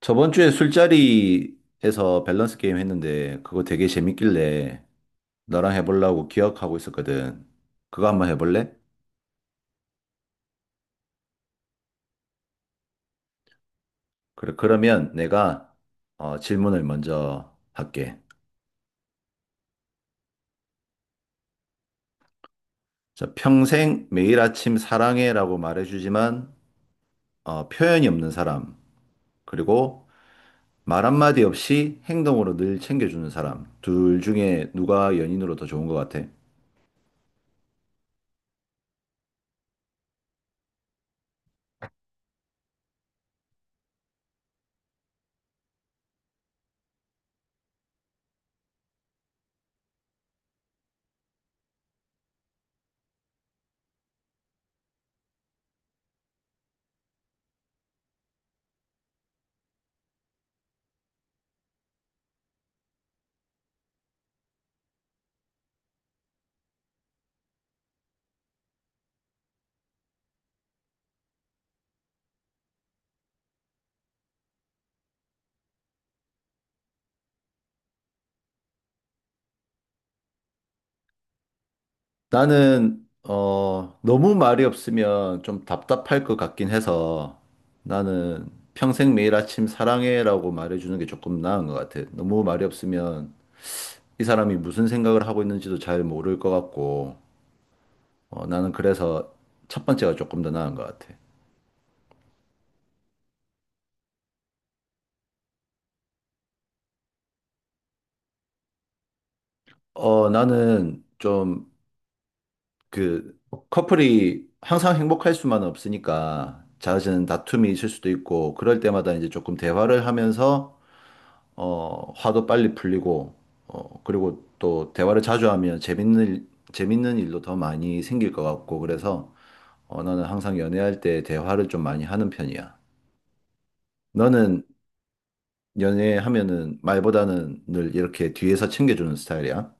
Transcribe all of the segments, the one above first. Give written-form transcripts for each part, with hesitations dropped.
저번 주에 술자리에서 밸런스 게임 했는데 그거 되게 재밌길래 너랑 해보려고 기억하고 있었거든. 그거 한번 해볼래? 그래, 그러면 내가 질문을 먼저 할게. 자, 평생 매일 아침 사랑해라고 말해주지만 표현이 없는 사람, 그리고 말 한마디 없이 행동으로 늘 챙겨주는 사람, 둘 중에 누가 연인으로 더 좋은 것 같아? 나는 어 너무 말이 없으면 좀 답답할 것 같긴 해서 나는 평생 매일 아침 사랑해라고 말해주는 게 조금 나은 것 같아. 너무 말이 없으면 이 사람이 무슨 생각을 하고 있는지도 잘 모를 것 같고 나는 그래서 첫 번째가 조금 더 나은 것 같아. 어 나는 좀 그 커플이 항상 행복할 수만은 없으니까 잦은 다툼이 있을 수도 있고 그럴 때마다 이제 조금 대화를 하면서 화도 빨리 풀리고, 그리고 또 대화를 자주 하면 재밌는 일도 더 많이 생길 것 같고, 그래서 나는 항상 연애할 때 대화를 좀 많이 하는 편이야. 너는 연애하면은 말보다는 늘 이렇게 뒤에서 챙겨주는 스타일이야?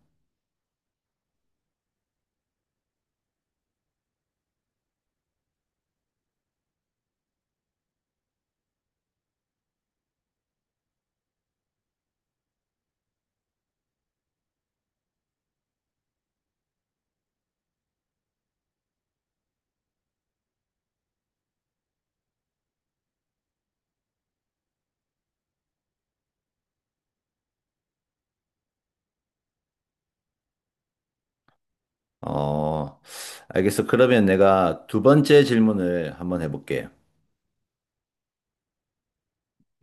어, 알겠어. 그러면 내가 두 번째 질문을 한번 해볼게.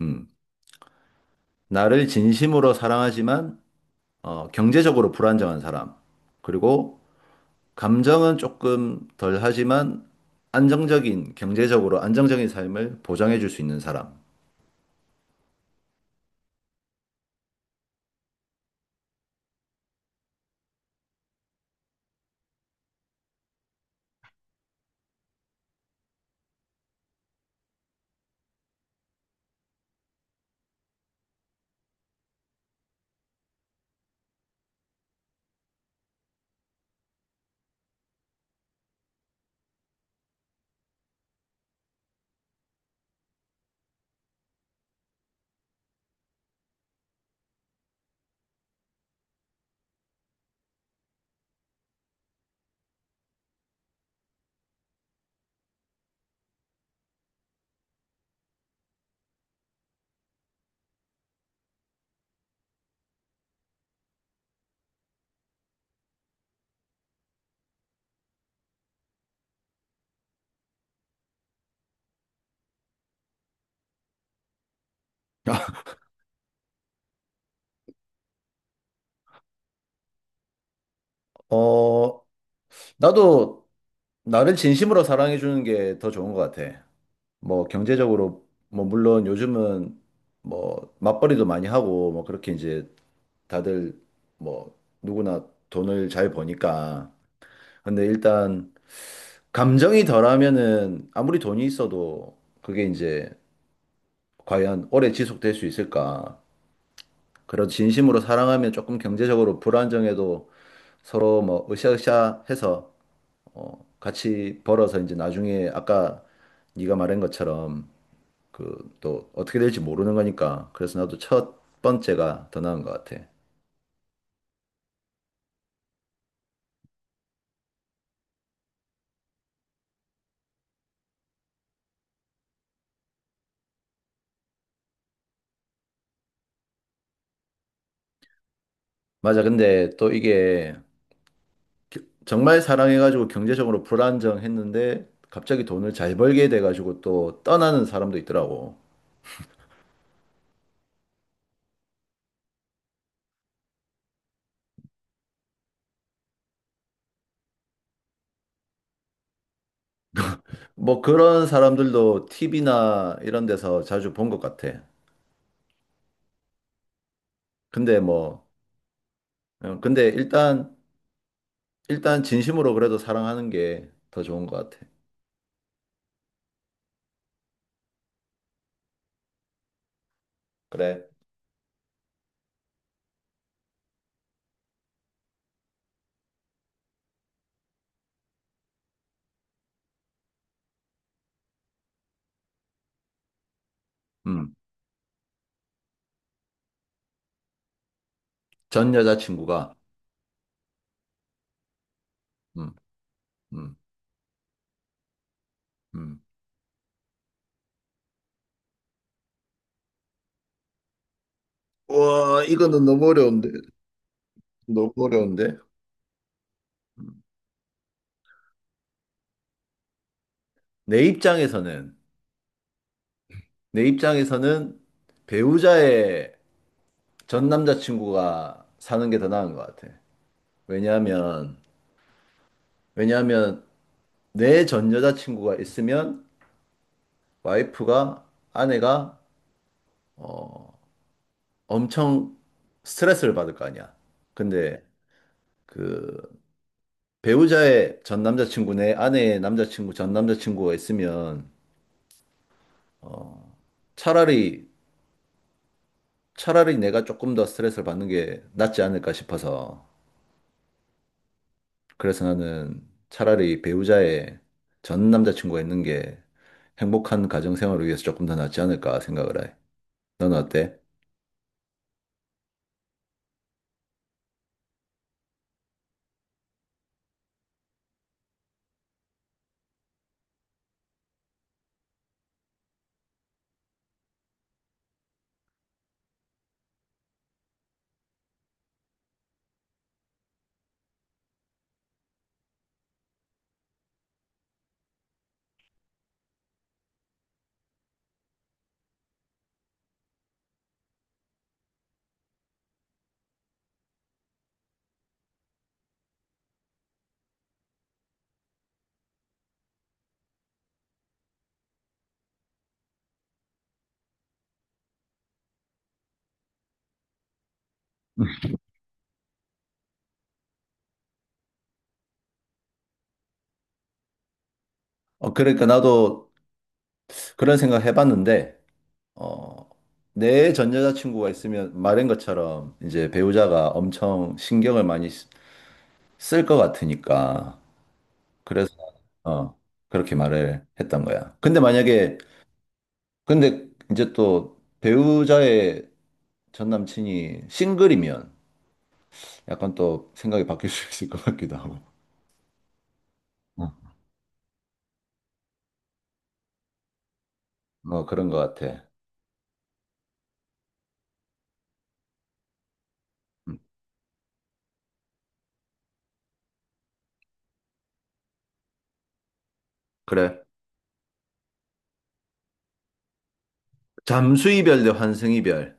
음, 나를 진심으로 사랑하지만, 경제적으로 불안정한 사람. 그리고 감정은 조금 덜 하지만 안정적인, 경제적으로 안정적인 삶을 보장해 줄 수 있는 사람. 어, 나도 나를 진심으로 사랑해 주는 게 더 좋은 것 같아. 뭐 경제적으로 뭐 물론 요즘은 뭐 맞벌이도 많이 하고 뭐 그렇게 이제 다들 뭐 누구나 돈을 잘 버니까. 근데 일단 감정이 덜하면은 아무리 돈이 있어도 그게 이제 과연 오래 지속될 수 있을까? 그런 진심으로 사랑하면 조금 경제적으로 불안정해도 서로 뭐 으쌰으쌰해서 같이 벌어서 이제 나중에 아까 네가 말한 것처럼 그 또 어떻게 될지 모르는 거니까 그래서 나도 첫 번째가 더 나은 것 같아. 맞아. 근데 또 이게 정말 사랑해가지고 경제적으로 불안정했는데 갑자기 돈을 잘 벌게 돼가지고 또 떠나는 사람도 있더라고. 뭐 그런 사람들도 TV나 이런 데서 자주 본 것 같아. 근데 뭐 근데 일단 진심으로 그래도 사랑하는 게 더 좋은 것 같아. 그래. 음, 전 여자친구가, 음, 음, 음, 와, 이거는 너무 어려운데. 너무 어려운데. 음. 내 입장에서는, 내 입장에서는 배우자의 전 남자친구가 사는 게 더 나은 것 같아. 왜냐하면, 왜냐하면 내 전 여자친구가 있으면 와이프가, 아내가, 어, 엄청 스트레스를 받을 거 아니야. 근데 그 배우자의 전 남자친구 내 아내의 남자친구 전 남자친구가 있으면 어 차라리 차라리 내가 조금 더 스트레스를 받는 게 낫지 않을까 싶어서 그래서 나는 차라리 배우자의 전 남자친구가 있는 게 행복한 가정 생활을 위해서 조금 더 낫지 않을까 생각을 해. 너는 어때? 어 그러니까 나도 그런 생각 해봤는데 어 내 전 여자친구가 있으면 말한 것처럼 이제 배우자가 엄청 신경을 많이 쓸 것 같으니까. 그래서, 어, 그렇게 말을 했던 거야. 근데 만약에, 근데 이제 또 배우자의 전 남친이 싱글이면 약간 또 생각이 바뀔 수 있을 것 같기도 하고. 응, 어, 뭐 그런 것 같아. 음, 그래. 잠수 이별 대 환승 이별.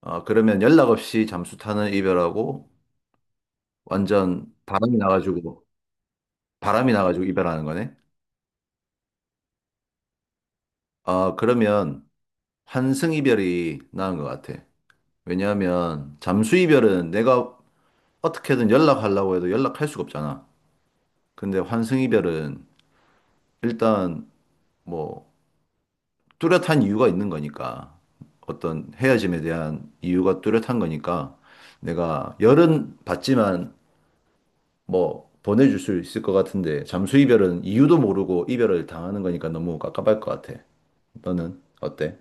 어, 그러면 연락 없이 잠수 타는 이별하고 완전 바람이 나가지고, 바람이 나가지고 이별하는 거네. 어, 그러면 환승 이별이 나은 것 같아. 왜냐하면 잠수이별은 내가 어떻게든 연락하려고 해도 연락할 수가 없잖아. 근데 환승이별은 일단 뭐 뚜렷한 이유가 있는 거니까 어떤 헤어짐에 대한 이유가 뚜렷한 거니까 내가 열은 받지만 뭐 보내줄 수 있을 것 같은데 잠수이별은 이유도 모르고 이별을 당하는 거니까 너무 깝깝할 것 같아. 너는 어때?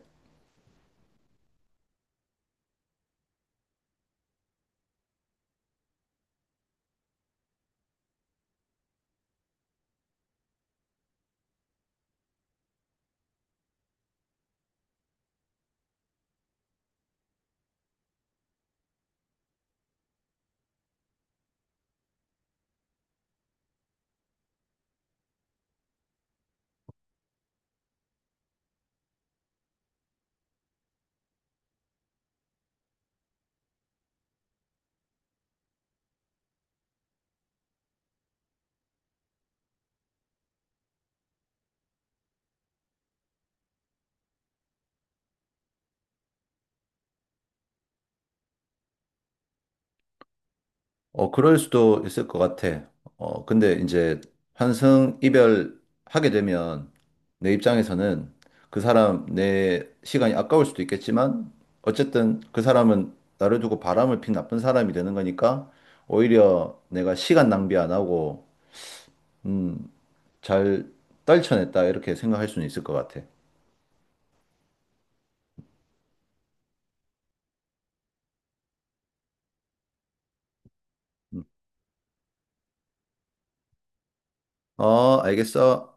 어, 그럴 수도 있을 것 같아. 근데 이제 환승 이별하게 되면 내 입장에서는 그 사람 내 시간이 아까울 수도 있겠지만 어쨌든 그 사람은 나를 두고 바람을 핀 나쁜 사람이 되는 거니까 오히려 내가 시간 낭비 안 하고 음, 잘 떨쳐냈다 이렇게 생각할 수는 있을 것 같아. 어, 알겠어.